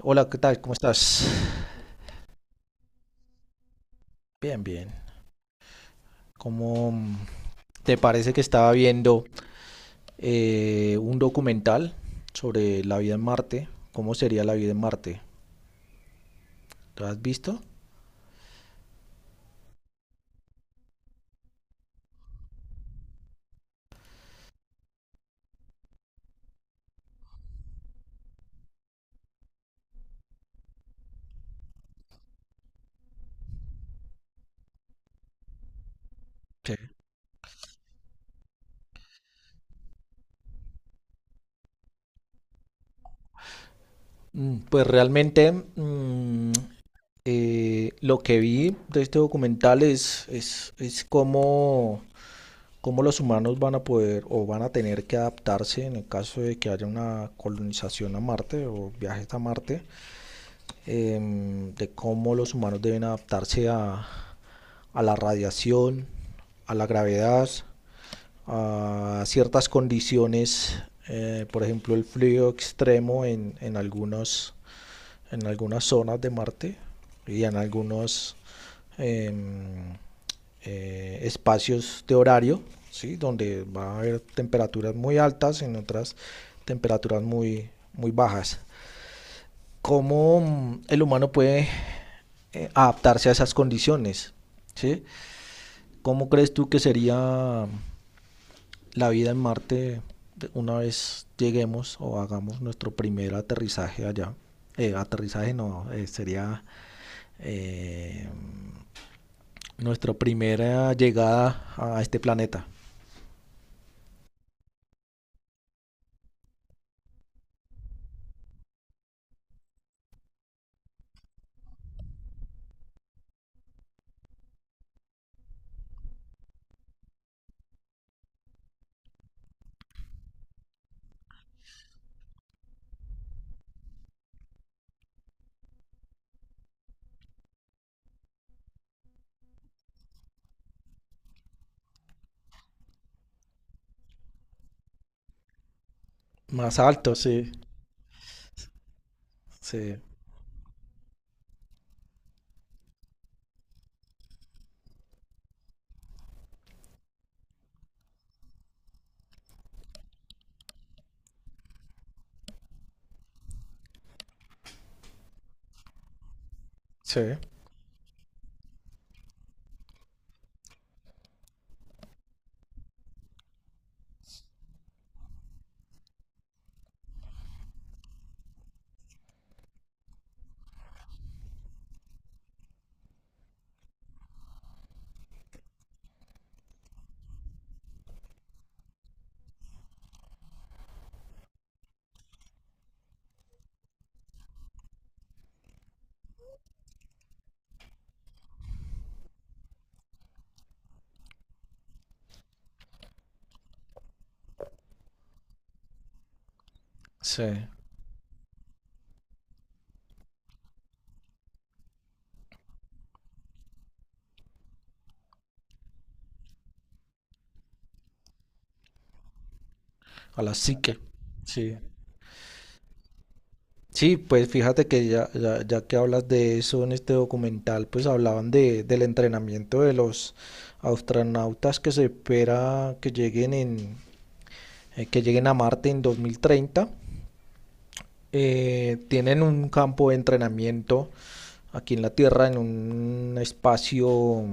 Hola, ¿qué tal? ¿Cómo estás? Bien, bien. ¿Cómo te parece que estaba viendo un documental sobre la vida en Marte? ¿Cómo sería la vida en Marte? ¿Lo has visto? Sí. Pues realmente, lo que vi de este documental es cómo, cómo los humanos van a poder o van a tener que adaptarse en el caso de que haya una colonización a Marte o viajes a Marte de cómo los humanos deben adaptarse a la radiación, a la gravedad, a ciertas condiciones, por ejemplo el frío extremo en en algunas zonas de Marte y en algunos em, espacios de horario, ¿sí? Donde va a haber temperaturas muy altas, en otras temperaturas muy bajas. Cómo el humano puede adaptarse a esas condiciones. ¿Sí? ¿Cómo crees tú que sería la vida en Marte una vez lleguemos o hagamos nuestro primer aterrizaje allá? Aterrizaje no, sería eh, nuestra primera llegada a este planeta. Más alto, sí. Sí, sí, sí. A la psique. Sí. Sí, pues fíjate que ya, ya, ya que hablas de eso en este documental, pues hablaban de, del entrenamiento de los astronautas que se espera que lleguen que lleguen a Marte en 2030. Tienen un campo de entrenamiento aquí en la Tierra, en un espacio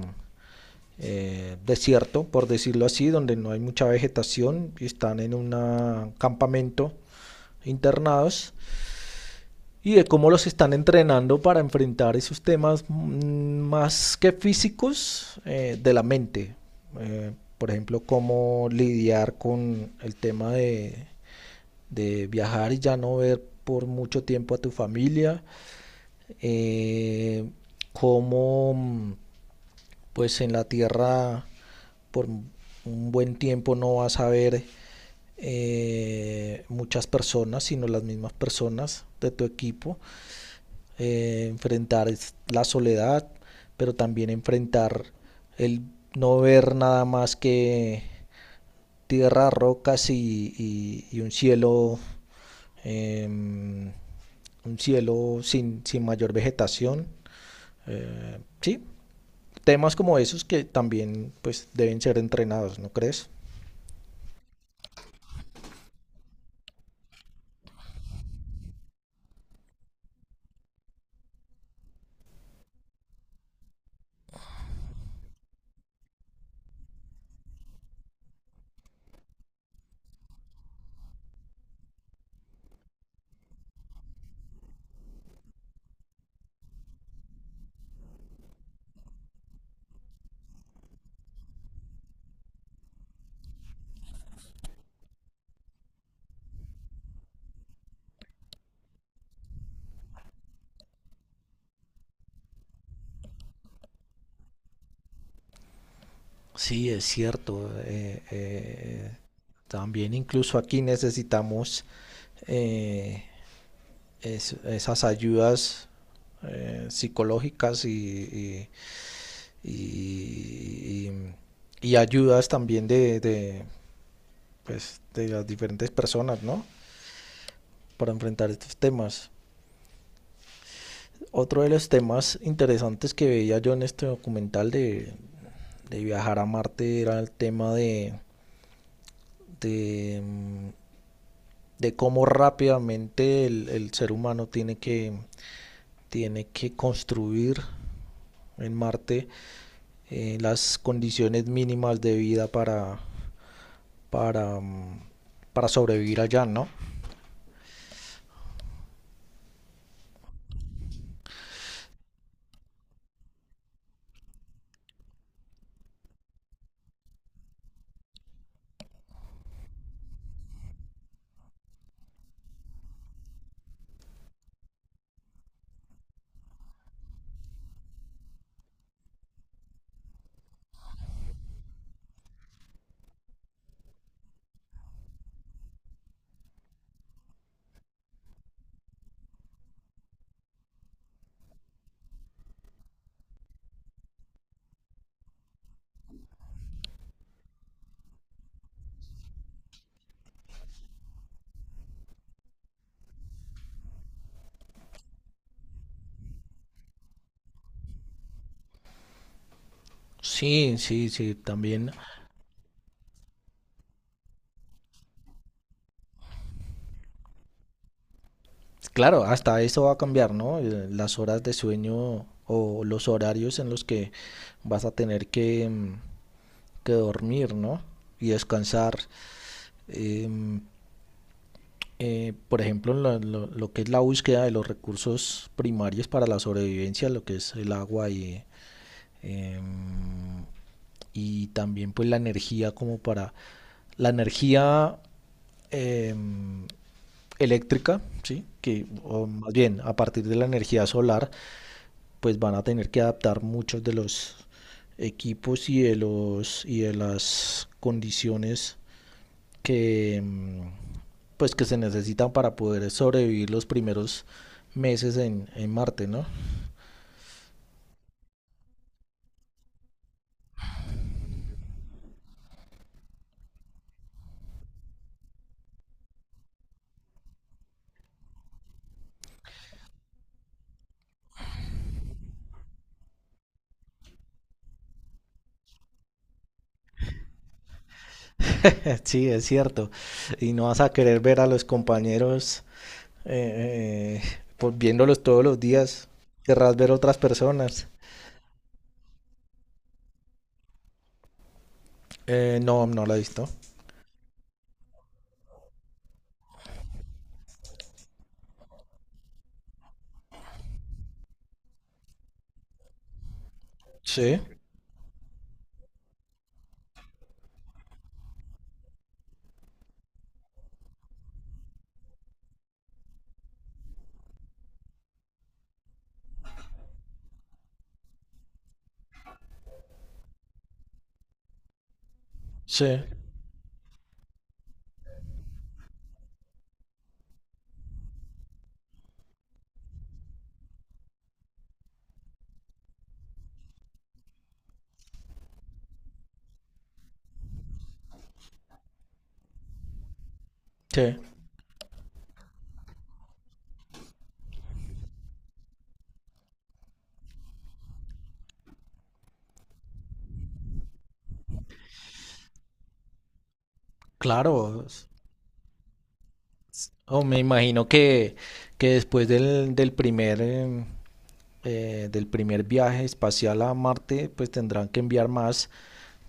desierto, por decirlo así, donde no hay mucha vegetación, y están en un campamento internados y de cómo los están entrenando para enfrentar esos temas, más que físicos de la mente. Eh, por ejemplo, cómo lidiar con el tema de viajar y ya no ver por mucho tiempo a tu familia, eh, cómo, pues en la tierra por un buen tiempo no vas a ver muchas personas, sino las mismas personas de tu equipo, enfrentar la soledad, pero también enfrentar el no ver nada más que tierra, rocas y un cielo, em, un cielo sin, sin mayor vegetación. Sí, temas como esos que también pues deben ser entrenados, ¿no crees? Sí, es cierto. También incluso aquí necesitamos eh, esas ayudas psicológicas y- y ayudas también de, pues, de las diferentes personas, ¿no? Para enfrentar estos temas. Otro de los temas interesantes que veía yo en este documental de viajar a Marte era el tema de, de cómo rápidamente el ser humano tiene que construir en Marte las condiciones mínimas de vida para para sobrevivir allá, ¿no? Sí, sí, sí, también. Claro, hasta eso va a cambiar, ¿no? Las horas de sueño o los horarios en los que vas a tener que que dormir, ¿no? Y descansar. Em, por ejemplo, lo que es la búsqueda de los recursos primarios para la sobrevivencia, lo que es el agua y em, y también pues la energía como para la energía eh, eléctrica, ¿sí? Que o más bien a partir de la energía solar pues van a tener que adaptar muchos de los equipos y de los y de las condiciones que pues que se necesitan para poder sobrevivir los primeros meses en Marte, ¿no? Sí, es cierto. Y no vas a querer ver a los compañeros eh, eh, pues viéndolos todos los días, querrás ver otras personas. No, no la he visto. Sí, sí, sí, claro. Oh, me imagino que después del, del primer, del primer viaje espacial a Marte, pues tendrán que enviar más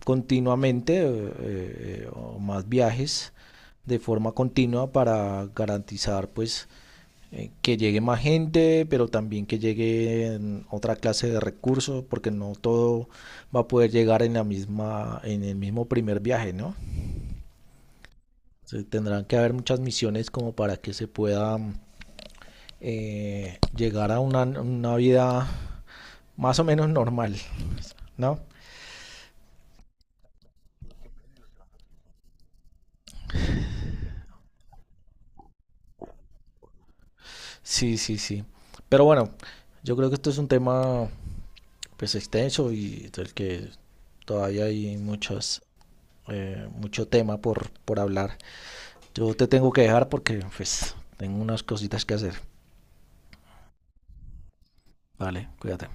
continuamente o más viajes de forma continua para garantizar pues que llegue más gente, pero también que llegue otra clase de recursos, porque no todo va a poder llegar en la misma, en el mismo primer viaje, ¿no? Entonces, tendrán que haber muchas misiones como para que se pueda llegar a una vida más o menos normal, ¿no? Sí, sí, sí. Pero bueno, yo creo que esto es un tema pues extenso y del que todavía hay muchas mucho tema por hablar. Yo te tengo que dejar porque pues tengo unas cositas que hacer. Vale, cuídate.